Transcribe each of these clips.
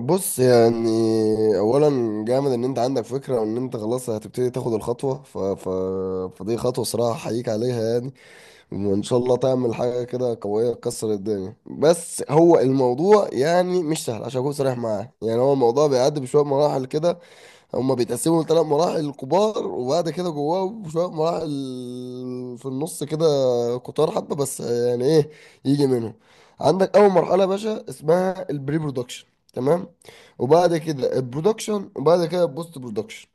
بص، يعني اولا جامد ان انت عندك فكره وان انت خلاص هتبتدي تاخد الخطوه فدي خطوه صراحه احييك عليها يعني. وان شاء الله تعمل حاجه كده قويه تكسر الدنيا، بس هو الموضوع يعني مش سهل عشان اكون صريح معاك، يعني هو الموضوع بيعدي بشويه مراحل كده. هما بيتقسموا لثلاث مراحل كبار، وبعد كده جواه شوية مراحل في النص كده كتار حبة، بس يعني ايه يجي منهم. عندك أول مرحلة يا باشا اسمها البري برودكشن، تمام. وبعد كده البرودكشن، وبعد كده البوست برودكشن.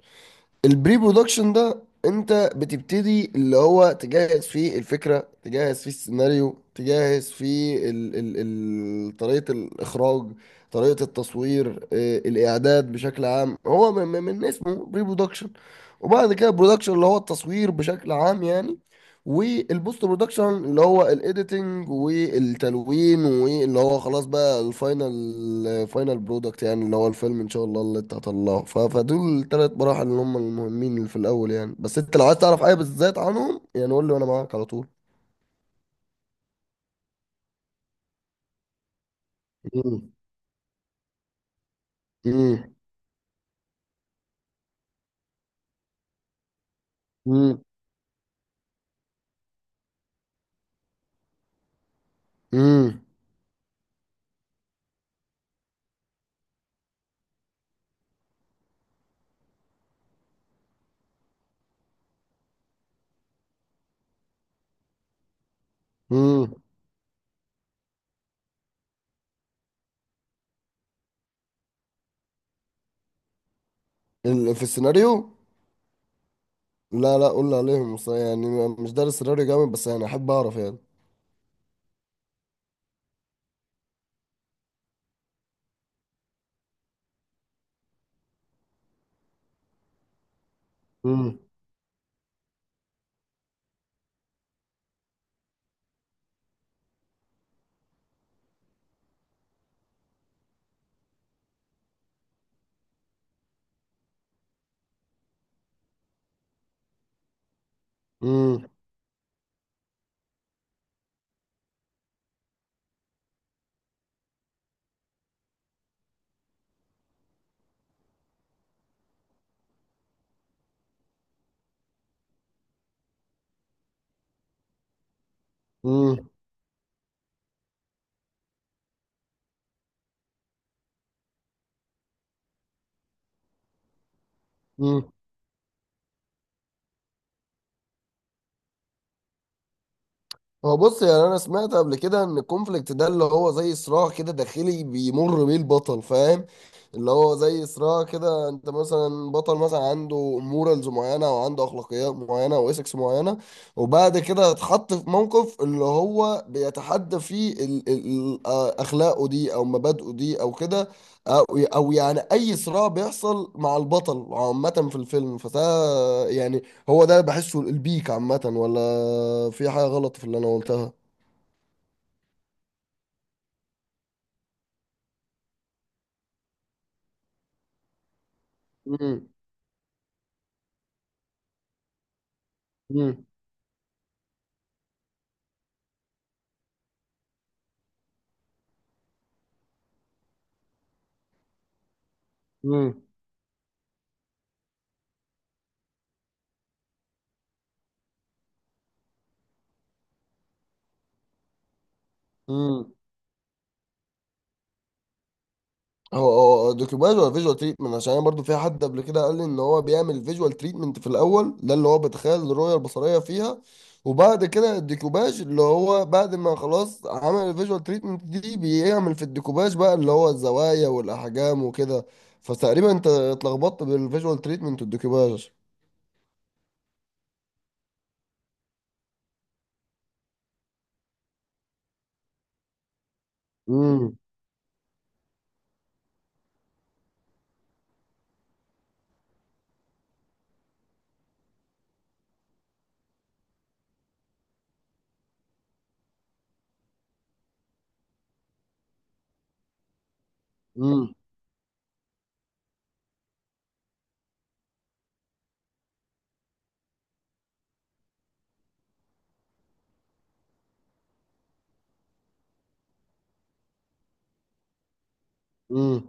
البري برودكشن ده انت بتبتدي اللي هو تجهز فيه الفكرة، تجهز فيه السيناريو، تجهز فيه ال ال طريقة الإخراج، طريقة التصوير، الإعداد بشكل عام. هو من اسمه بري برودكشن. وبعد كده برودكشن اللي هو التصوير بشكل عام يعني. والبوست برودكشن اللي هو الايديتنج والتلوين، واللي هو خلاص بقى الفاينل فاينل برودكت يعني اللي هو الفيلم ان شاء الله اللي انت هتطلعه. فدول الثلاث مراحل اللي هم المهمين اللي في الاول يعني. بس انت لو عايز تعرف حاجه بالذات عنهم يعني قول لي وانا معاك على طول. مم. مم. مم. مم. مم. في السيناريو. لا لا، قول لي عليهم، بس يعني مش دارس السيناريو جامد، بس يعني احب اعرف يعني. مم. مم. مم. هو بص، يعني انا سمعت قبل كده ان الكونفليكت ده اللي هو زي صراع كده داخلي بيمر بيه البطل، فاهم. اللي هو زي صراع كده، انت مثلا بطل مثلا عنده مورالز معينه او عنده اخلاقيات معينه او اسكس معينه، وبعد كده اتحط في موقف اللي هو بيتحدى فيه ال ال- اخلاقه دي او مبادئه دي او كده، او او يعني اي صراع بيحصل مع البطل عامه في الفيلم فده يعني. هو ده بحسه البيك عامة، ولا في حاجة غلط في اللي أنا قلتها؟ مم. مم. مم. مم. هو دوكيوباج ولا فيجوال تريتمنت؟ عشان أنا برضو في حد قبل كده قال لي إن هو بيعمل فيجوال تريتمنت في الأول ده، اللي هو بيتخيل الرؤية البصرية فيها، وبعد كده الديكوباج اللي هو بعد ما خلاص عمل الفيجوال تريتمنت دي بيعمل في الديكوباج بقى، اللي هو الزوايا والأحجام وكده. فتقريبا أنت اتلخبطت بالفيجوال تريتمنت والديكوباج. مم. مم.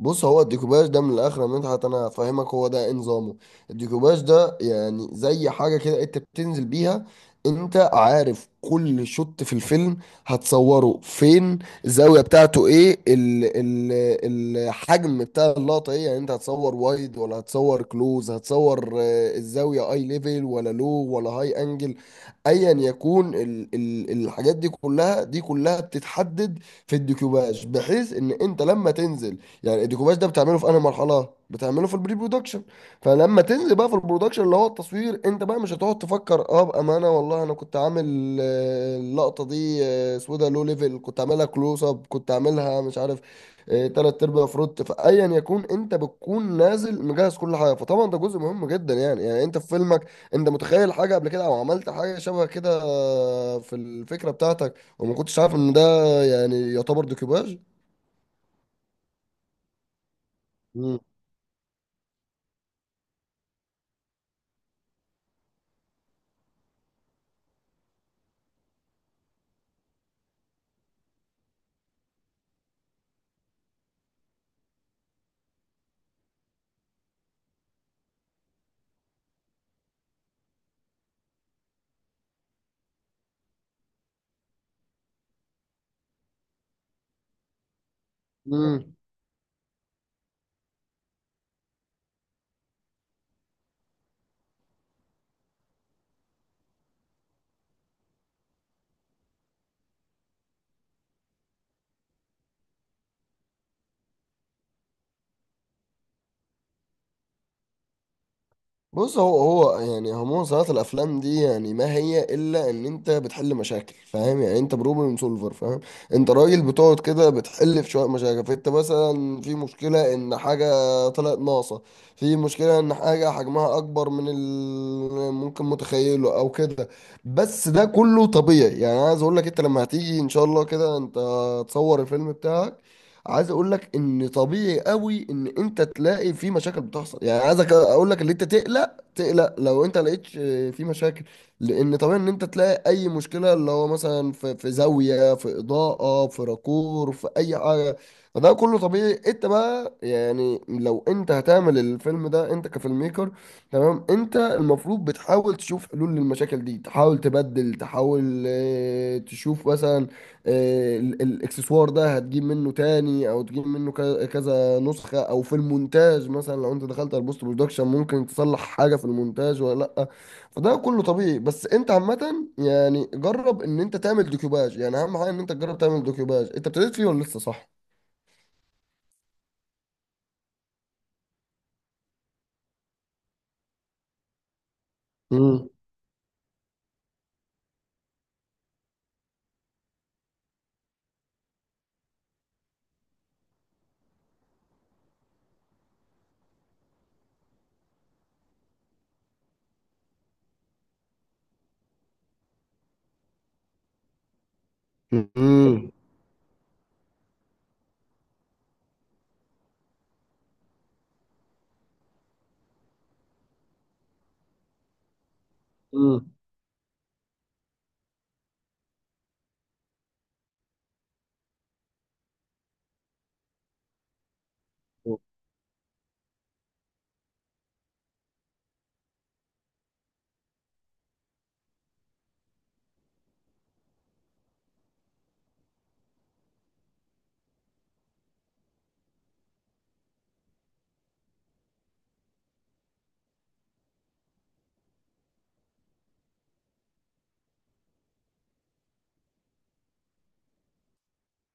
بص، هو الديكوباج ده من الاخر يا مدحت انا هفهمك، هو ده إيه نظامه. الديكوباج ده يعني زي حاجه كده انت بتنزل بيها، انت عارف كل شوت في الفيلم هتصوره فين، الزاويه بتاعته ايه، ال الحجم بتاع اللقطه ايه، يعني انت هتصور وايد ولا هتصور كلوز، هتصور الزاويه اي ليفل ولا لو ولا هاي انجل. ايا يكون ال الحاجات دي كلها بتتحدد في الديكوباج، بحيث ان انت لما تنزل. يعني الديكوباج ده بتعمله في انهي مرحله؟ بتعمله في البري برودكشن. فلما تنزل بقى في البرودكشن اللي هو التصوير، انت بقى مش هتقعد تفكر اه بامانه والله انا كنت عامل اللقطه دي سودا لو ليفل، كنت عاملها كلوز اب، كنت عاملها مش عارف تلات ارباع فروت. فايا يكون انت بتكون نازل مجهز كل حاجه، فطبعا ده جزء مهم جدا يعني. يعني انت في فيلمك انت متخيل حاجه قبل كده او عملت حاجه شبه كده في الفكره بتاعتك، وما كنتش عارف ان ده يعني يعتبر ديكوباج؟ مم. مم. بص، هو يعني عموما صناعة الأفلام دي يعني ما هي إلا إن أنت بتحل مشاكل، فاهم يعني. أنت بروبلم سولفر، فاهم. أنت راجل بتقعد كده بتحل في شوية مشاكل. فأنت مثلا في مشكلة إن حاجة طلعت ناقصة، في مشكلة إن حاجة حجمها أكبر من ال ممكن متخيله أو كده. بس ده كله طبيعي يعني. أنا عايز أقول لك أنت لما هتيجي إن شاء الله كده أنت تصور الفيلم بتاعك، عايز اقول لك ان طبيعي قوي ان انت تلاقي في مشاكل بتحصل، يعني عايزك اقول لك ان انت تقلق. تقلق لو انت لقيت في مشاكل، لان طبيعي ان انت تلاقي اي مشكله اللي هو مثلا في زاويه، في اضاءه، في راكور، في اي حاجه. فده كله طبيعي. انت بقى يعني لو انت هتعمل الفيلم ده انت كفيلم ميكر، تمام، انت المفروض بتحاول تشوف حلول للمشاكل دي، تحاول تبدل، تحاول تشوف مثلا الاكسسوار ده هتجيب منه تاني او تجيب منه كذا نسخة، او في المونتاج مثلا لو انت دخلت على البوست برودكشن ممكن تصلح حاجة في المونتاج ولا لا. فده كله طبيعي. بس انت عامة يعني جرب ان انت تعمل دوكيوباج، يعني اهم حاجة ان انت تجرب تعمل دوكيوباج. انت ابتديت فيه ولا لسه صح؟ امم امم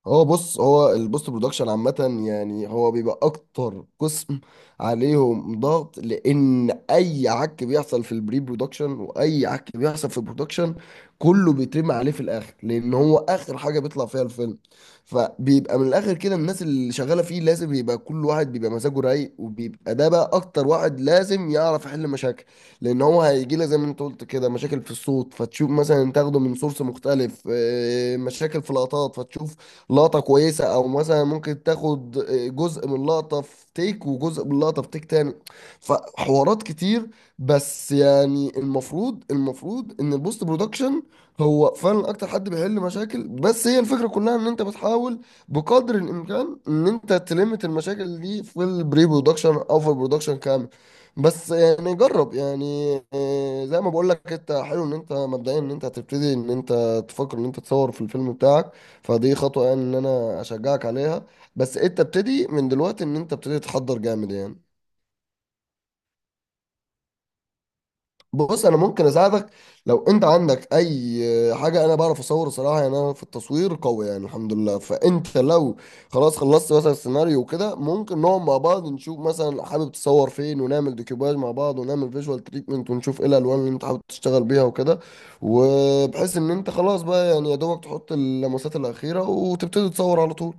هو بص، هو البوست برودكشن عامة يعني هو بيبقى أكتر قسم عليهم ضغط، لأن أي عك بيحصل في البري برودكشن وأي عك بيحصل في البرودكشن كله بيترمي عليه في الآخر، لأن هو آخر حاجة بيطلع فيها الفيلم. فبيبقى من الآخر كده الناس اللي شغالة فيه لازم يبقى كل واحد بيبقى مزاجه رايق، وبيبقى ده بقى أكتر واحد لازم يعرف يحل مشاكل. لأن هو هيجي لك زي ما أنت قلت كده مشاكل في الصوت فتشوف مثلا تاخده من سورس مختلف، مشاكل في لقطات فتشوف لقطة كويسة، او مثلا ممكن تاخد جزء من لقطة في تيك وجزء من لقطة في تيك تاني، فحوارات كتير. بس يعني المفروض ان البوست برودكشن هو فعلا اكتر حد بيحل مشاكل، بس هي الفكرة كلها ان انت بتحاول بقدر الامكان ان انت تلمت المشاكل دي في البري برودكشن او في البرودكشن كامل. بس يعني جرب، يعني زي ما بقول لك انت حلو ان انت مبدئيا ان انت هتبتدي ان انت تفكر ان انت تصور في الفيلم بتاعك. فدي خطوة يعني ان انا اشجعك عليها. بس انت ابتدي من دلوقتي ان انت ابتدي تحضر جامد يعني. بص، انا ممكن اساعدك، لو انت عندك اي حاجة انا بعرف اصور صراحة يعني، انا في التصوير قوي يعني الحمد لله. فانت لو خلاص خلصت مثلا السيناريو وكده ممكن نقعد مع بعض نشوف مثلا حابب تصور فين، ونعمل ديكوباج مع بعض ونعمل فيجوال تريتمنت ونشوف ايه الالوان اللي انت حابب تشتغل بيها وكده. وبحيث ان انت خلاص بقى يعني يا دوبك تحط اللمسات الاخيرة وتبتدي تصور على طول.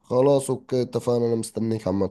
خلاص اوكي، اتفقنا، انا مستنيك عامة.